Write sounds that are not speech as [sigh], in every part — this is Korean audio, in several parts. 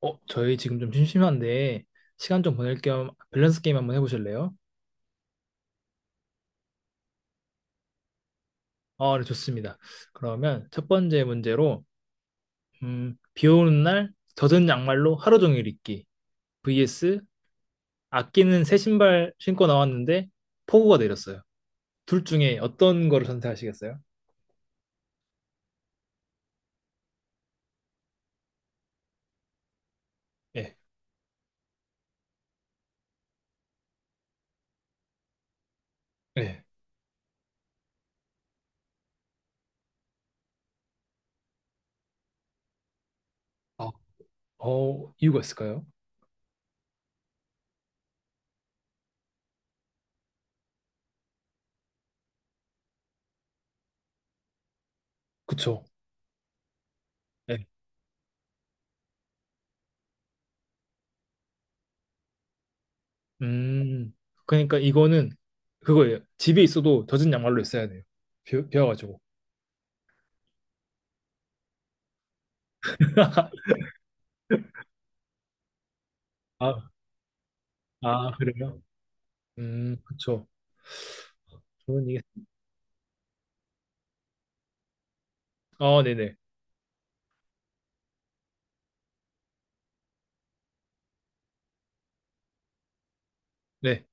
저희 지금 좀 심심한데 시간 좀 보낼 겸 밸런스 게임 한번 해보실래요? 아, 네, 좋습니다. 그러면 첫 번째 문제로 비 오는 날 젖은 양말로 하루 종일 입기 vs 아끼는 새 신발 신고 나왔는데 폭우가 내렸어요. 둘 중에 어떤 거를 선택하시겠어요? 예, 예. 아, 이유가 있을까요? 그쵸. 예. 음, 그러니까 이거는 그거예요. 집에 있어도 젖은 양말로 있어야 돼요. 비와가지고. [laughs] 아, 아, 그래요? 그쵸. 저는 이게, 아, 네네. 네,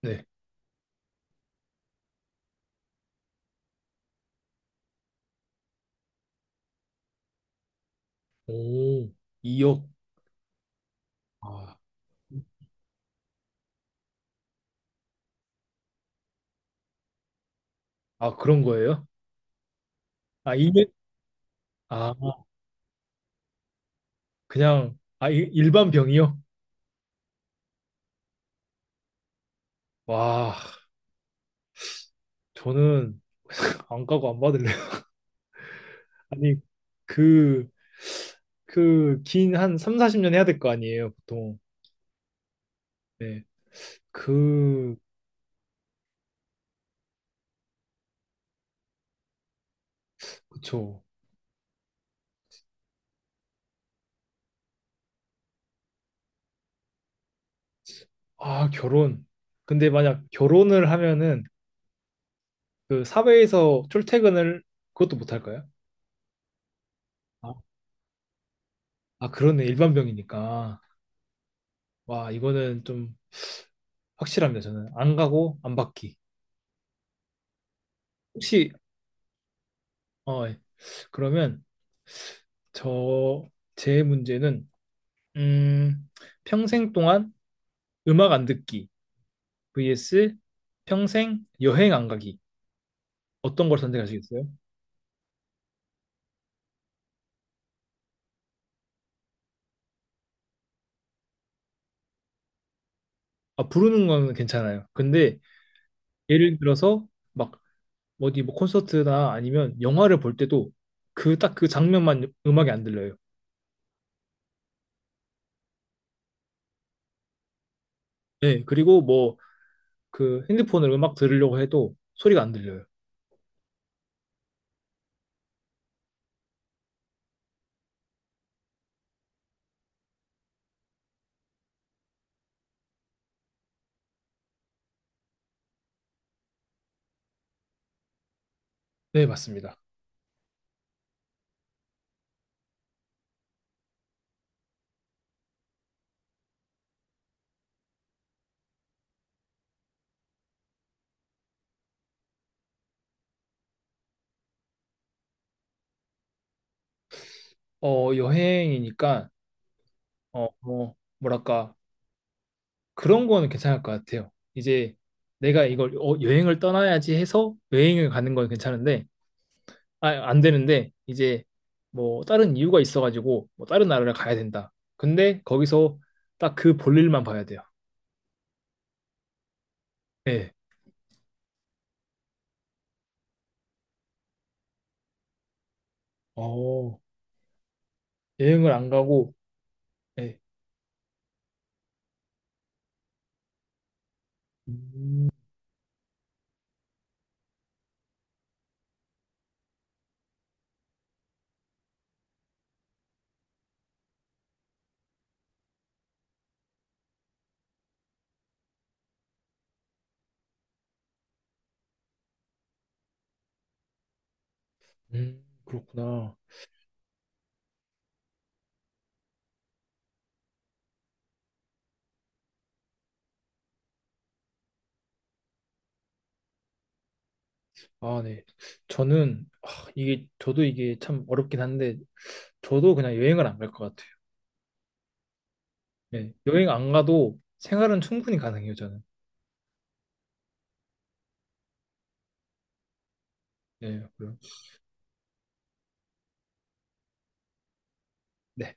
네. 오, 2억. 아, 아, 그런 거예요? 아, 이년 아, 그냥, 아, 일반 병이요? 와, 저는 안 가고 안 받을래요. [laughs] 아니, 그, 긴 한 3, 40년 해야 될 거 아니에요, 보통. 네. 그, 그쵸. 아, 결혼. 근데 만약 결혼을 하면은, 사회에서 출퇴근을, 그것도 못 할까요? 아, 그러네. 일반병이니까. 와, 이거는 좀 확실합니다. 저는 안 가고 안 받기. 혹시, 예. 그러면 저, 제 문제는, 음, 평생 동안 음악 안 듣기 vs 평생 여행 안 가기. 어떤 걸 선택하시겠어요? 아, 부르는 거는 괜찮아요. 근데 예를 들어서 막 어디 뭐 콘서트나 아니면 영화를 볼 때도 그 딱 그 장면만 음악이 안 들려요. 네, 그리고 뭐 그 핸드폰으로 음악 들으려고 해도 소리가 안 들려요. 네, 맞습니다. 여행이니까, 뭐, 뭐랄까, 그런 거는 괜찮을 것 같아요. 이제 내가 이걸 여행을 떠나야지 해서 여행을 가는 건 괜찮은데, 아, 안 되는데, 이제 뭐, 다른 이유가 있어가지고, 뭐, 다른 나라를 가야 된다. 근데 거기서 딱 그 볼일만 봐야 돼요. 네. 어, 여행을 안 가고, 네. 음, 그렇구나. 아, 네. 저는 이게 저도 이게 참 어렵긴 한데 저도 그냥 여행을 안 갈 것 같아요. 네. 여행 안 가도 생활은 충분히 가능해요, 저는. 네. 그럼. 네.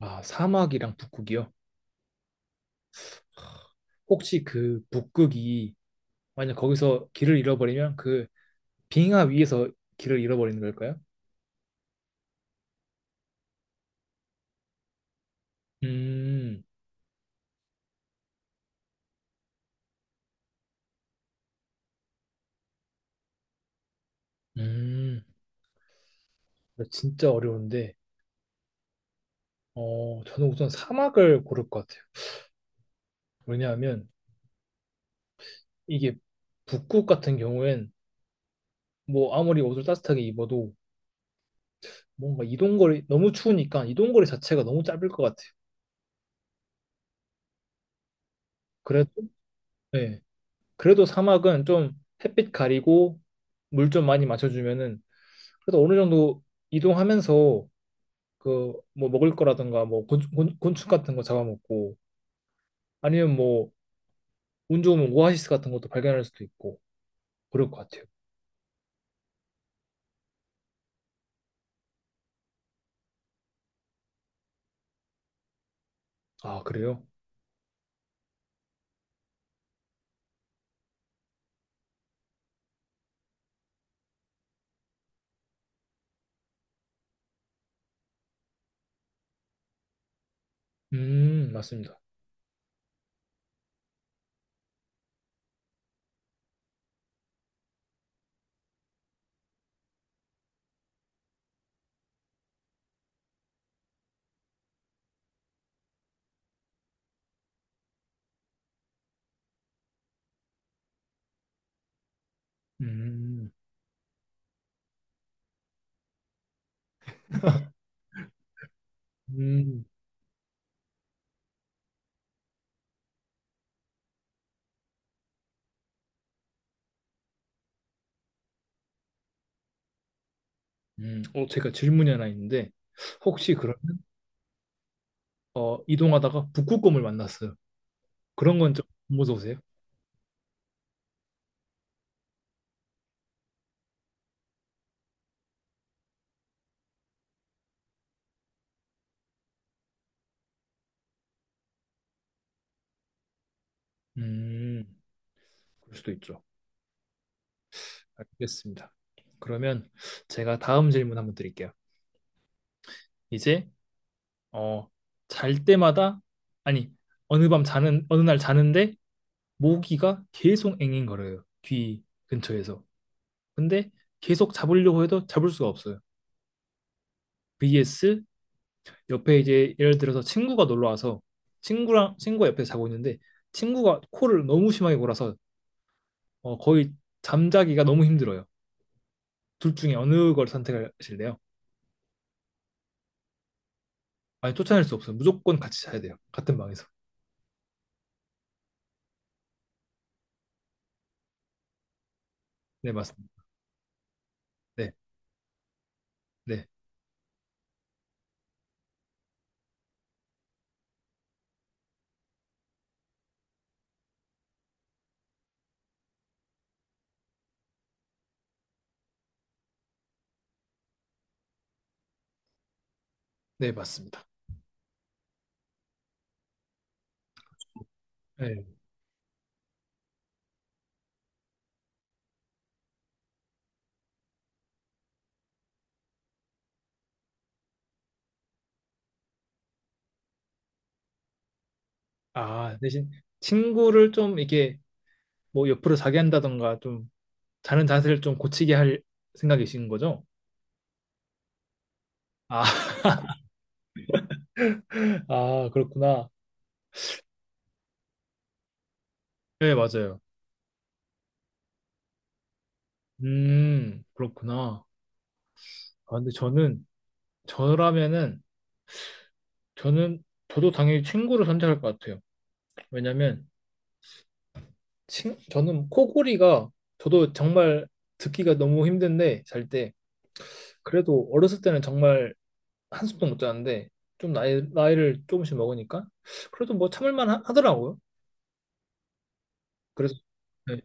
아, 사막이랑 북극이요. 혹시 그 북극이 만약 거기서 길을 잃어버리면 그 빙하 위에서 길을 잃어버리는 걸까요? 음. 음. 아, 진짜 어려운데. 저는 우선 사막을 고를 것 같아요. 왜냐하면 이게 북극 같은 경우엔 뭐 아무리 옷을 따뜻하게 입어도 뭔가 이동거리 너무 추우니까 이동거리 자체가 너무 짧을 것 같아요. 그래도 네. 그래도 사막은 좀 햇빛 가리고 물 좀 많이 마셔주면은 그래도 어느 정도 이동하면서 그 뭐 먹을 거라든가 뭐 곤충 같은 거 잡아먹고 아니면 뭐 운 좋으면 오아시스 같은 것도 발견할 수도 있고 그럴 것 같아요. 아 그래요? 맞습니다. 음, 음, 제가 질문이 하나 있는데 혹시 그러면 이동하다가 북극곰을 만났어요. 그런 건 좀 무서우세요? 음, 그럴 수도 있죠. 알겠습니다. 그러면 제가 다음 질문 한번 드릴게요. 이제 어, 잘 때마다 아니 어느 날 자는데 모기가 계속 앵앵거려요. 귀 근처에서. 근데 계속 잡으려고 해도 잡을 수가 없어요. vs 옆에 이제 예를 들어서 친구가 놀러 와서 친구랑 친구가 옆에 자고 있는데 친구가 코를 너무 심하게 골아서 거의 잠자기가 너무 힘들어요. 둘 중에 어느 걸 선택하실래요? 아니, 쫓아낼 수 없어요. 무조건 같이 자야 돼요. 같은 방에서. 네, 맞습니다. 네, 네, 네, 맞습니다. 네. 아, 대신 친구를 좀 이게 뭐 옆으로 자게 한다던가 좀 자는 자세를 좀 고치게 할 생각이신 거죠? 아, [laughs] 아, 그렇구나. 네, 맞아요. 그렇구나. 아, 근데 저는, 저라면은, 저도 당연히 친구를 선택할 것 같아요. 왜냐면, 저는 코골이가 저도 정말 듣기가 너무 힘든데 잘 때 그래도 어렸을 때는 정말 한숨도 못 자는데 좀 나이를 조금씩 먹으니까 그래도 뭐 참을만 하더라고요. 그래서 네.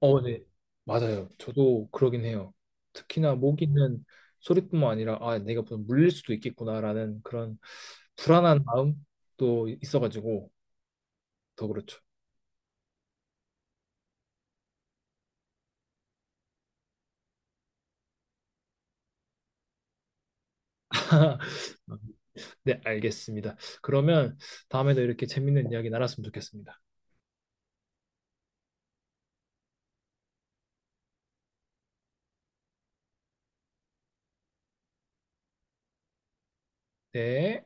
네. 맞아요. 저도 그러긴 해요. 특히나 목 있는 소리뿐만 아니라 아 내가 무슨 물릴 수도 있겠구나라는 그런 불안한 마음도 있어가지고 더 그렇죠. [laughs] 네, 알겠습니다. 그러면 다음에도 이렇게 재밌는 이야기 나눴으면 좋겠습니다. 네.